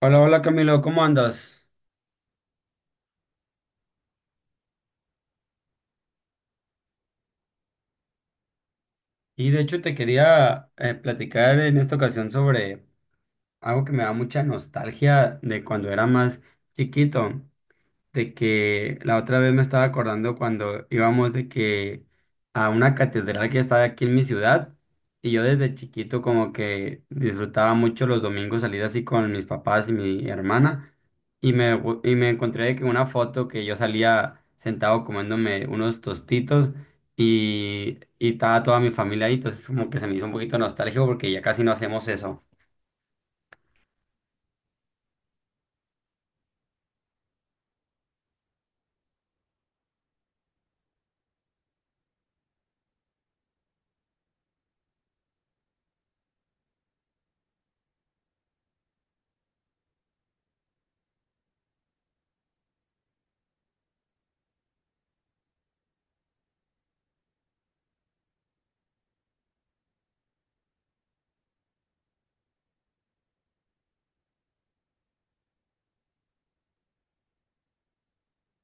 Hola, hola Camilo, ¿cómo andas? Y de hecho te quería platicar en esta ocasión sobre algo que me da mucha nostalgia de cuando era más chiquito. De que la otra vez me estaba acordando cuando íbamos de que a una catedral que está aquí en mi ciudad, y yo desde chiquito como que disfrutaba mucho los domingos salir así con mis papás y mi hermana, y y me encontré de que una foto que yo salía sentado comiéndome unos tostitos, y estaba toda mi familia ahí, entonces como que se me hizo un poquito nostálgico porque ya casi no hacemos eso.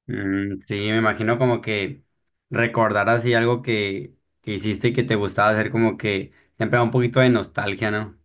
Mm, sí, me imagino como que recordar así algo que hiciste y que te gustaba hacer, como que siempre da un poquito de nostalgia, ¿no?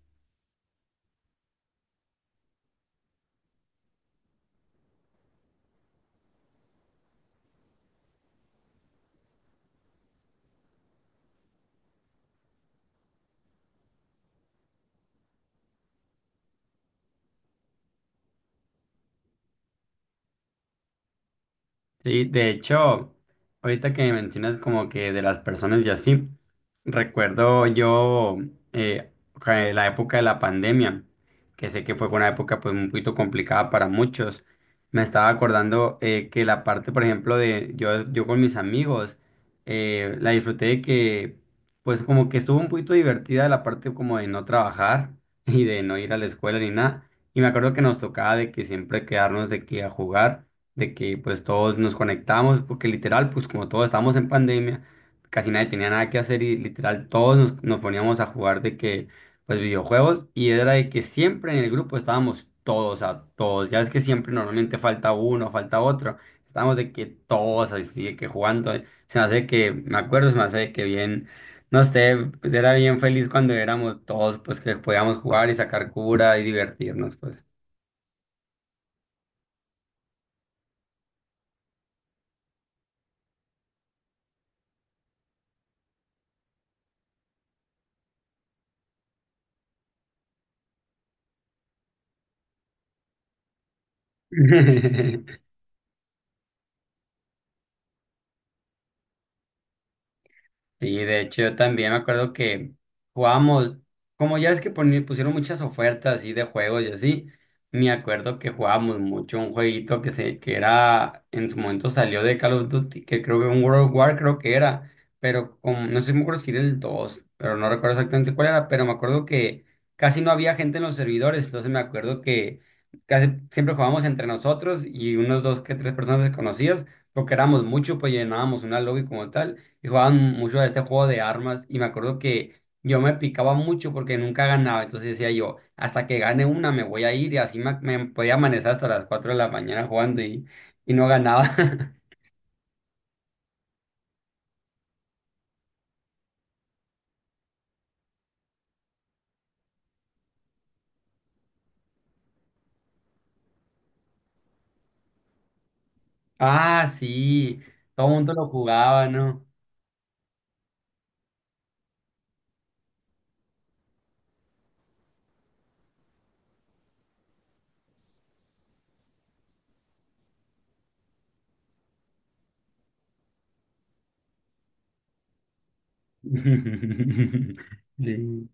Sí, de hecho, ahorita que me mencionas como que de las personas y así, recuerdo yo eh, que la época de la pandemia, que sé que fue una época pues un poquito complicada para muchos. Me estaba acordando que la parte, por ejemplo, de yo con mis amigos, la disfruté de que pues como que estuvo un poquito divertida la parte como de no trabajar y de no ir a la escuela ni nada. Y me acuerdo que nos tocaba de que siempre quedarnos de que a jugar de que pues todos nos conectamos, porque literal, pues como todos estábamos en pandemia, casi nadie tenía nada que hacer y literal todos nos poníamos a jugar pues videojuegos, y era de que siempre en el grupo estábamos todos, a todos, ya es que siempre normalmente falta uno, falta otro, estábamos de que todos así, de que jugando, se me hace que bien. No sé, pues era bien feliz cuando éramos todos, pues que podíamos jugar y sacar cura y divertirnos, pues. Sí, de hecho yo también me acuerdo que jugábamos, como ya es que pusieron muchas ofertas así de juegos y así, me acuerdo que jugábamos mucho un jueguito que era, en su momento salió de Call of Duty, que creo que un World of War creo que era, pero como, no sé si me acuerdo si era el 2, pero no recuerdo exactamente cuál era, pero me acuerdo que casi no había gente en los servidores, entonces me acuerdo que casi siempre jugábamos entre nosotros y unos dos que tres personas desconocidas, porque éramos muchos, pues llenábamos una lobby como tal y jugaban mucho a este juego de armas y me acuerdo que yo me picaba mucho porque nunca ganaba, entonces decía yo, hasta que gane una me voy a ir, y así me podía amanecer hasta las 4 de la mañana jugando, y no ganaba. Ah, sí, todo el mundo lo jugaba, ¿no? Sí.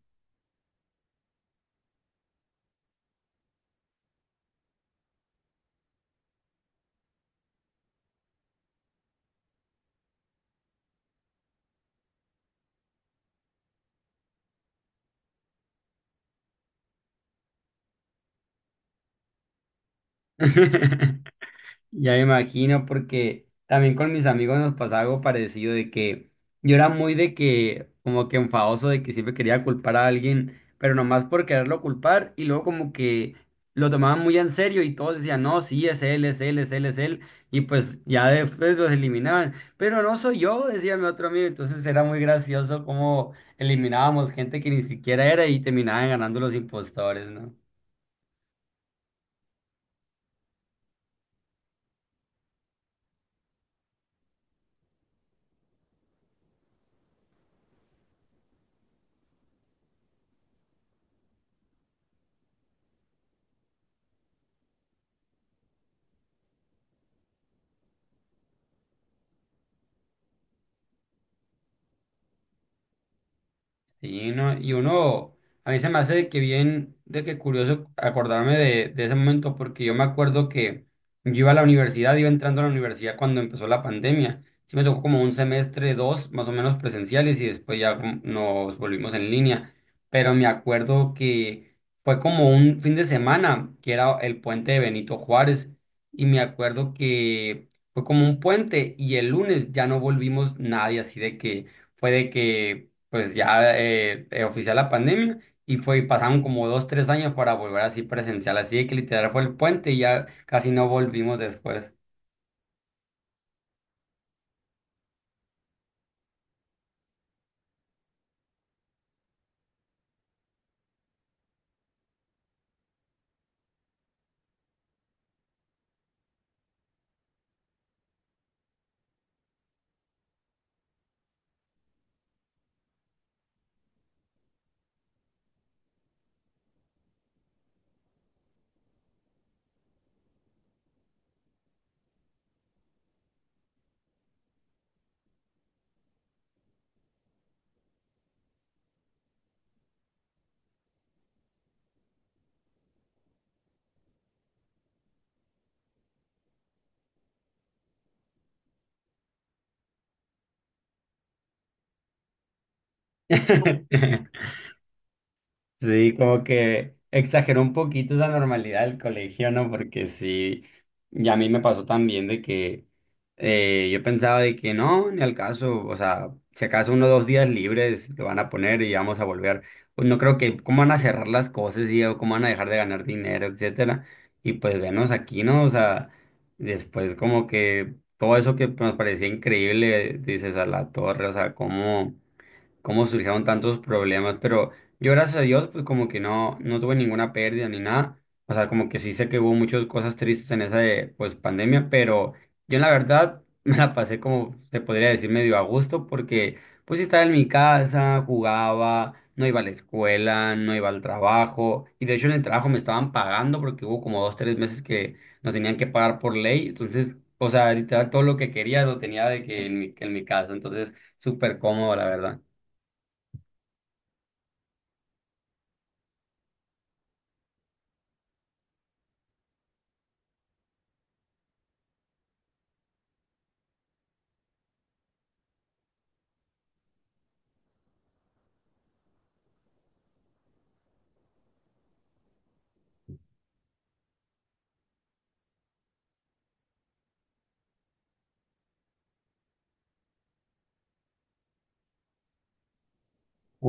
Ya me imagino, porque también con mis amigos nos pasaba algo parecido de que yo era muy como que enfadoso de que siempre quería culpar a alguien, pero nomás por quererlo culpar, y luego como que lo tomaban muy en serio y todos decían, no, sí, es él, es él, es él, es él, y pues ya después los eliminaban, pero no soy yo, decía mi otro amigo, entonces era muy gracioso cómo eliminábamos gente que ni siquiera era y terminaban ganando los impostores, ¿no? Sí, no, y uno, a mí se me hace de que bien, de que curioso acordarme de ese momento, porque yo me acuerdo que yo iba a la universidad, iba entrando a la universidad cuando empezó la pandemia. Sí me tocó como un semestre, dos, más o menos presenciales, y después ya como nos volvimos en línea. Pero me acuerdo que fue como un fin de semana, que era el puente de Benito Juárez, y me acuerdo que fue como un puente, y el lunes ya no volvimos nadie, así de que fue de que pues ya oficial la pandemia, y fue, y pasaron como dos, tres años para volver así presencial, así de que literal fue el puente y ya casi no volvimos después. Sí, como que exageró un poquito esa normalidad del colegio, ¿no? Porque sí, ya a mí me pasó también de que yo pensaba de que no, ni al caso, o sea, si acaso uno o dos días libres lo van a poner y vamos a volver. Pues no creo que, ¿cómo van a cerrar las cosas? Y ¿o cómo van a dejar de ganar dinero, etcétera? Y pues venos aquí, ¿no? O sea, después como que todo eso que nos parecía increíble, dices a la torre, o sea, cómo surgieron tantos problemas, pero yo gracias a Dios pues como que no tuve ninguna pérdida ni nada, o sea, como que sí sé que hubo muchas cosas tristes en esa pues pandemia, pero yo en la verdad me la pasé como se podría decir medio a gusto porque pues sí estaba en mi casa, jugaba, no iba a la escuela, no iba al trabajo, y de hecho en el trabajo me estaban pagando porque hubo como dos, tres meses que nos tenían que pagar por ley, entonces, o sea, literal todo lo que quería lo tenía de que en en mi casa, entonces súper cómodo la verdad.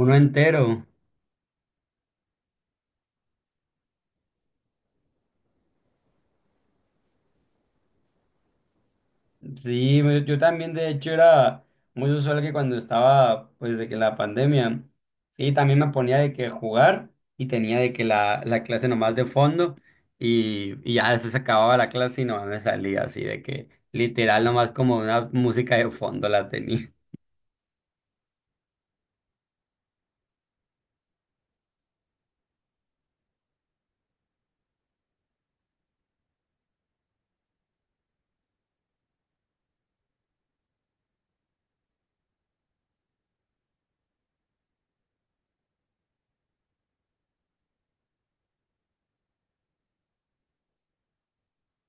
Uno entero. Sí, yo también de hecho era muy usual que cuando estaba pues de que la pandemia, sí, también me ponía de que jugar y tenía de que la clase nomás de fondo y ya después se acababa la clase y nomás me salía así de que literal nomás como una música de fondo la tenía.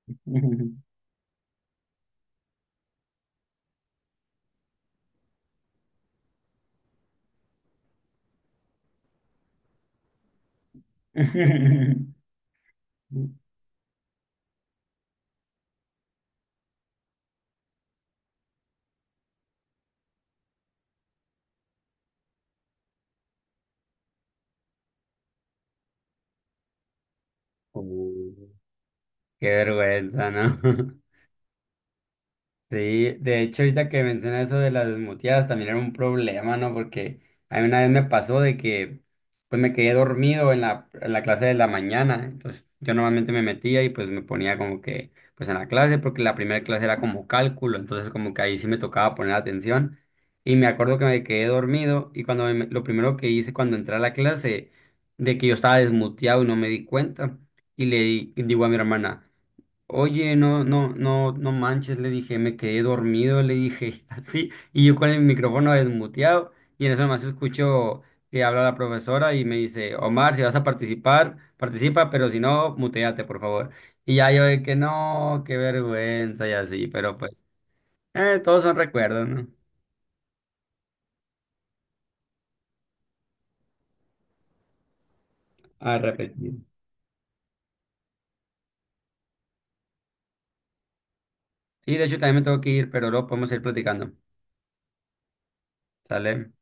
Uh, qué vergüenza, ¿no? Sí, de hecho, ahorita que mencionas eso de las desmuteadas, también era un problema, ¿no? Porque a mí una vez me pasó de que, pues me quedé dormido en en la clase de la mañana, entonces yo normalmente me metía y pues me ponía como que, pues en la clase, porque la primera clase era como cálculo, entonces como que ahí sí me tocaba poner atención, y me acuerdo que me quedé dormido, y cuando lo primero que hice cuando entré a la clase, de que yo estaba desmuteado y no me di cuenta, y digo a mi hermana, oye, no, no, no, no manches, le dije, me quedé dormido, le dije, así, y yo con el micrófono desmuteado, y en eso nomás escucho que habla la profesora y me dice, Omar, si vas a participar, participa, pero si no, muteate, por favor. Y ya yo de que no, qué vergüenza y así, pero pues, todos son recuerdos, ¿no? A repetir. Sí, de hecho también me tengo que ir, pero luego podemos ir platicando, ¿sale?